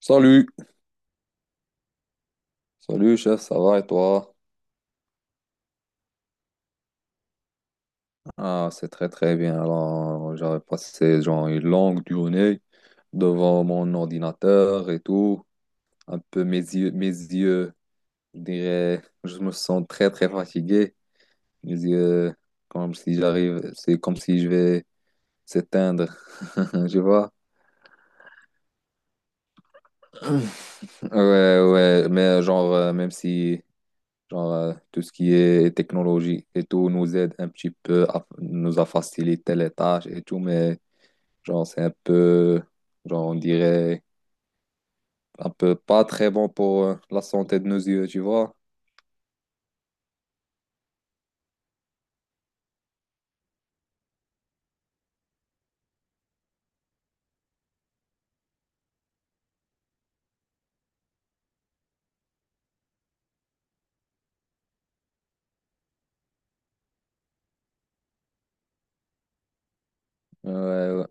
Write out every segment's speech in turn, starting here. Salut, salut chef, ça va et toi? Ah, c'est très très bien. Alors, j'avais passé genre une longue journée devant mon ordinateur et tout. Un peu mes yeux, je dirais, je me sens très très fatigué. Mes yeux, comme si j'arrive, c'est comme si je vais s'éteindre, je vois. Ouais, ouais, mais genre, même si genre, tout ce qui est technologie et tout nous aide un petit peu, nous a facilité les tâches et tout, mais genre, c'est un peu, genre, on dirait, un peu pas très bon pour la santé de nos yeux, tu vois. Ouais, ouais,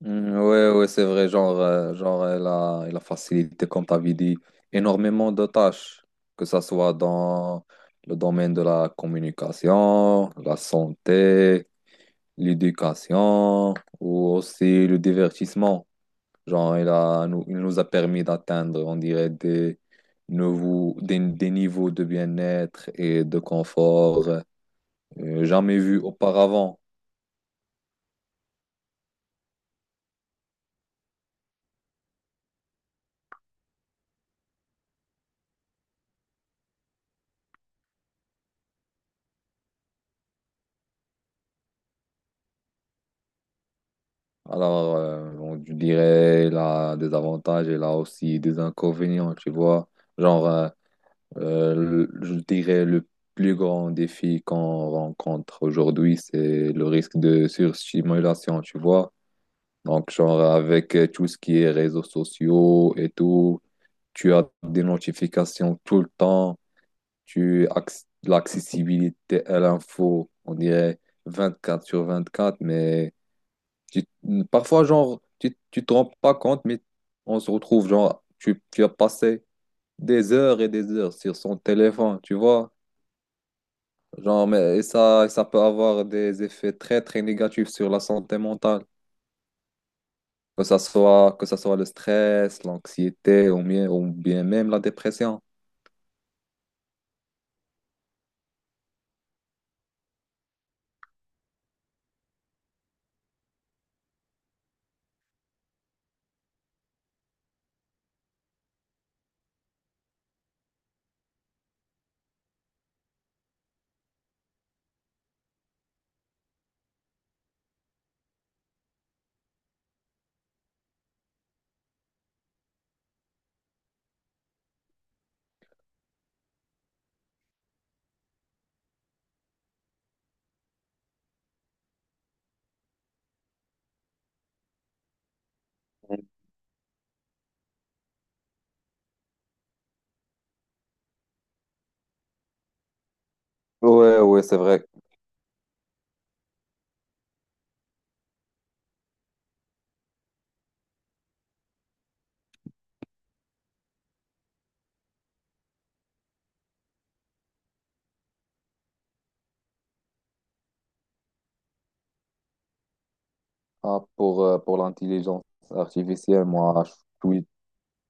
mm, ouais, ouais, c'est vrai, genre, genre, elle a facilité, comme t'avais dit, énormément de tâches, que ça soit dans le domaine de la communication, la santé, l'éducation, ou aussi le divertissement. Genre, il nous a permis d'atteindre, on dirait, des, nouveaux, des niveaux de bien-être et de confort jamais vus auparavant. Alors, on je dirais, il a des avantages, il a aussi des inconvénients, tu vois. Genre, je dirais, le plus grand défi qu'on rencontre aujourd'hui, c'est le risque de surstimulation, tu vois. Donc, genre, avec tout ce qui est réseaux sociaux et tout. Tu as des notifications tout le temps. L'accessibilité à l'info, on dirait 24 sur 24, mais tu- parfois, genre, tu te rends pas compte, mais on se retrouve, genre, tu as passé des heures et des heures sur son téléphone, tu vois. Genre, mais et ça peut avoir des effets très, très négatifs sur la santé mentale. Que ça soit le stress, l'anxiété ou bien même la dépression. Ouais, ouais, c'est vrai. Ah, pour l'intelligence artificielle, moi, je suis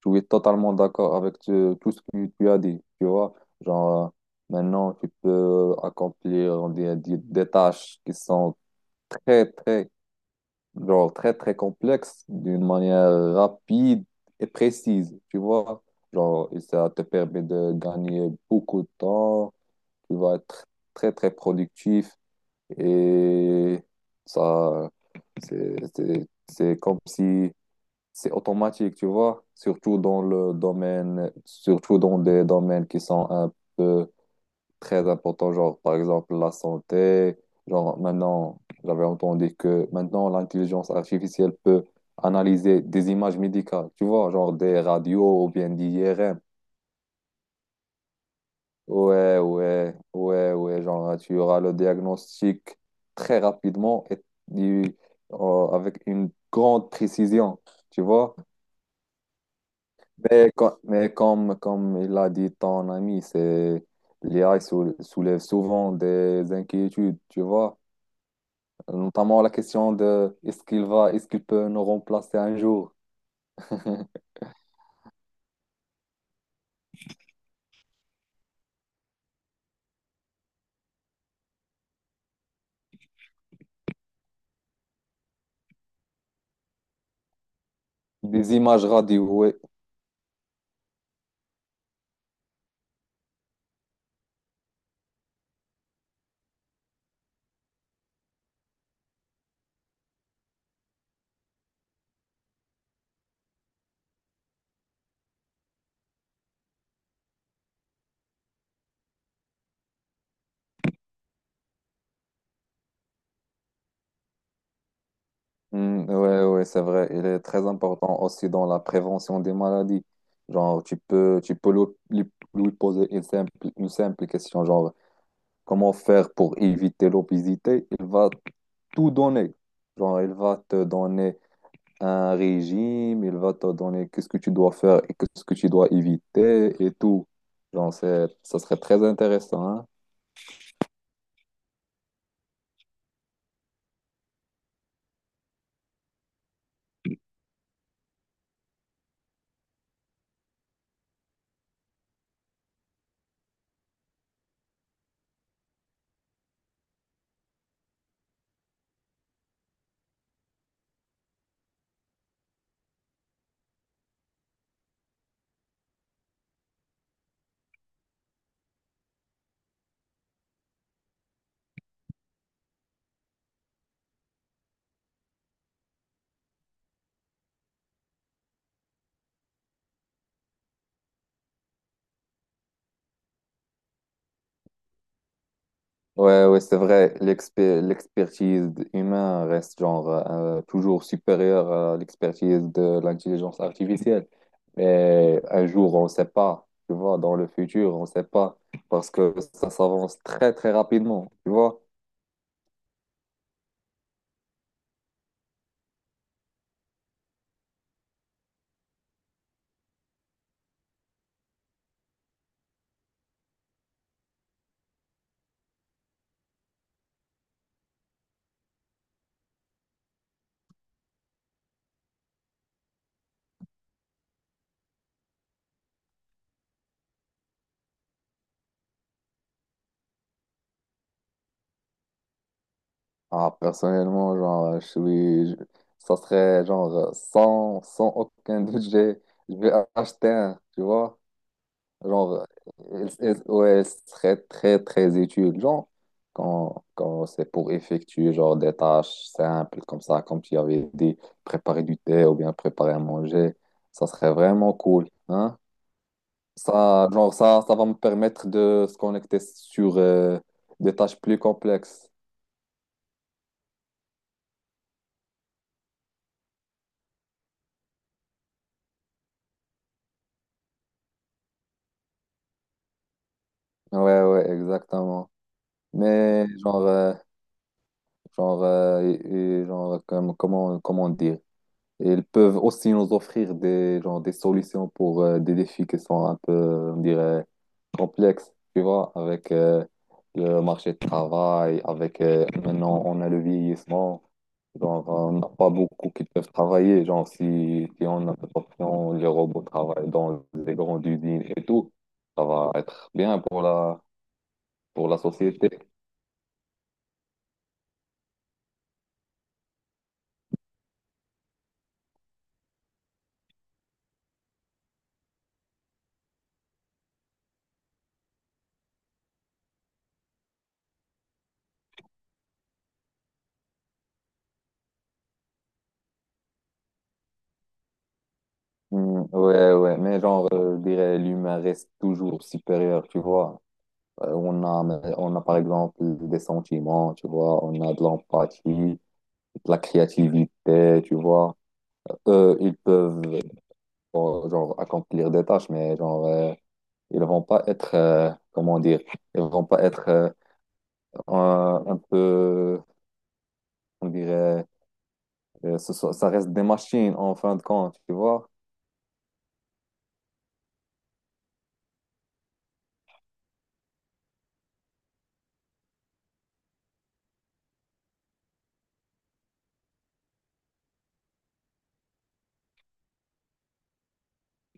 je suis totalement d'accord avec tout ce que tu as dit. Tu vois, genre, maintenant, tu peux accomplir des tâches qui sont très, très, genre, très, très complexes d'une manière rapide et précise. Tu vois, genre, et ça te permet de gagner beaucoup de temps. Tu vas être très, très productif et ça, c'est comme si c'est automatique, tu vois, surtout dans des domaines qui sont un peu très importants, genre par exemple la santé, genre maintenant, j'avais entendu que maintenant l'intelligence artificielle peut analyser des images médicales, tu vois, genre des radios ou bien des IRM. Ouais, ouais, ouais, ouais, genre tu auras le diagnostic très rapidement et du- avec une grande précision, tu vois. Mais comme il a dit ton ami, c'est l'IA soulève souvent des inquiétudes, tu vois, notamment la question de est-ce qu'il peut nous remplacer un jour? Des images radio, oui. Mm, ouais, ouais, c'est vrai. Il est très important aussi dans la prévention des maladies. Genre, tu peux lui poser une simple question, genre, comment faire pour éviter l'obésité? Il va tout donner. Genre, il va te donner un régime, il va te donner qu'est-ce que tu dois faire et qu'est-ce que tu dois éviter et tout. Genre, c'est, ça serait très intéressant, hein. Ouais, ouais, c'est vrai, l'expertise humaine reste genre toujours supérieure à l'expertise de l'intelligence artificielle. Mais un jour, on ne sait pas, tu vois, dans le futur, on ne sait pas, parce que ça s'avance très, très rapidement, tu vois. Ah, personnellement, genre, ça serait genre sans aucun budget je vais acheter un, tu vois. Genre, ouais, ce serait très, très utile. Genre, quand c'est pour effectuer genre des tâches simples comme ça, comme tu avais dit, préparer du thé ou bien préparer à manger, ça serait vraiment cool, hein. Ça, genre, ça va me permettre de se connecter sur des tâches plus complexes. Ouais, ouais, exactement. Mais genre, genre, et genre comment dire, ils peuvent aussi nous offrir des, genre, des solutions pour des défis qui sont un peu, on dirait, complexes, tu vois, avec le marché de travail, avec maintenant on a le vieillissement, genre on n'a pas beaucoup qui peuvent travailler, genre si on a cette option, les robots travaillent dans des grandes usines et tout, ça va être bien pour la société. Hmm, ouais, ouais, mais genre, je dirais, l'humain reste toujours supérieur, tu vois. On a par exemple des sentiments, tu vois, on a de l'empathie, de la créativité, tu vois. Eux, ils peuvent, bon, genre, accomplir des tâches, mais genre, ils vont pas être, comment dire, ils vont pas être un peu, on dirait, ça reste des machines en fin de compte, tu vois.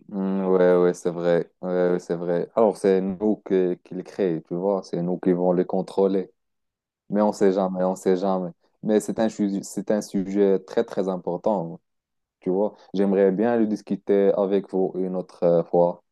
Mm, ouais, ouais, c'est vrai. Ouais, ouais, c'est vrai. Alors, c'est nous qui les créons, tu vois. C'est nous qui vont les contrôler. Mais on sait jamais, on sait jamais. Mais c'est un sujet très, très important, tu vois. J'aimerais bien le discuter avec vous une autre fois.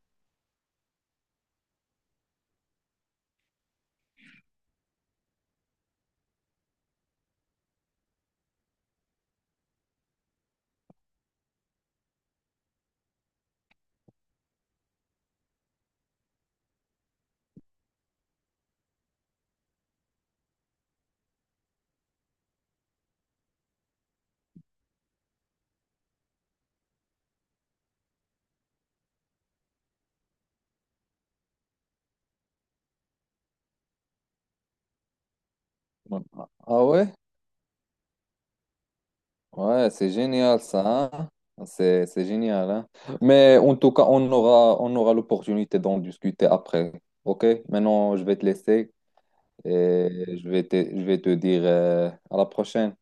Ouais. Ah ouais? Ouais, c'est génial ça, hein. C'est génial, hein. Mais en tout cas, on aura l'opportunité d'en discuter après. OK? Maintenant, je vais te laisser et je vais te dire à la prochaine.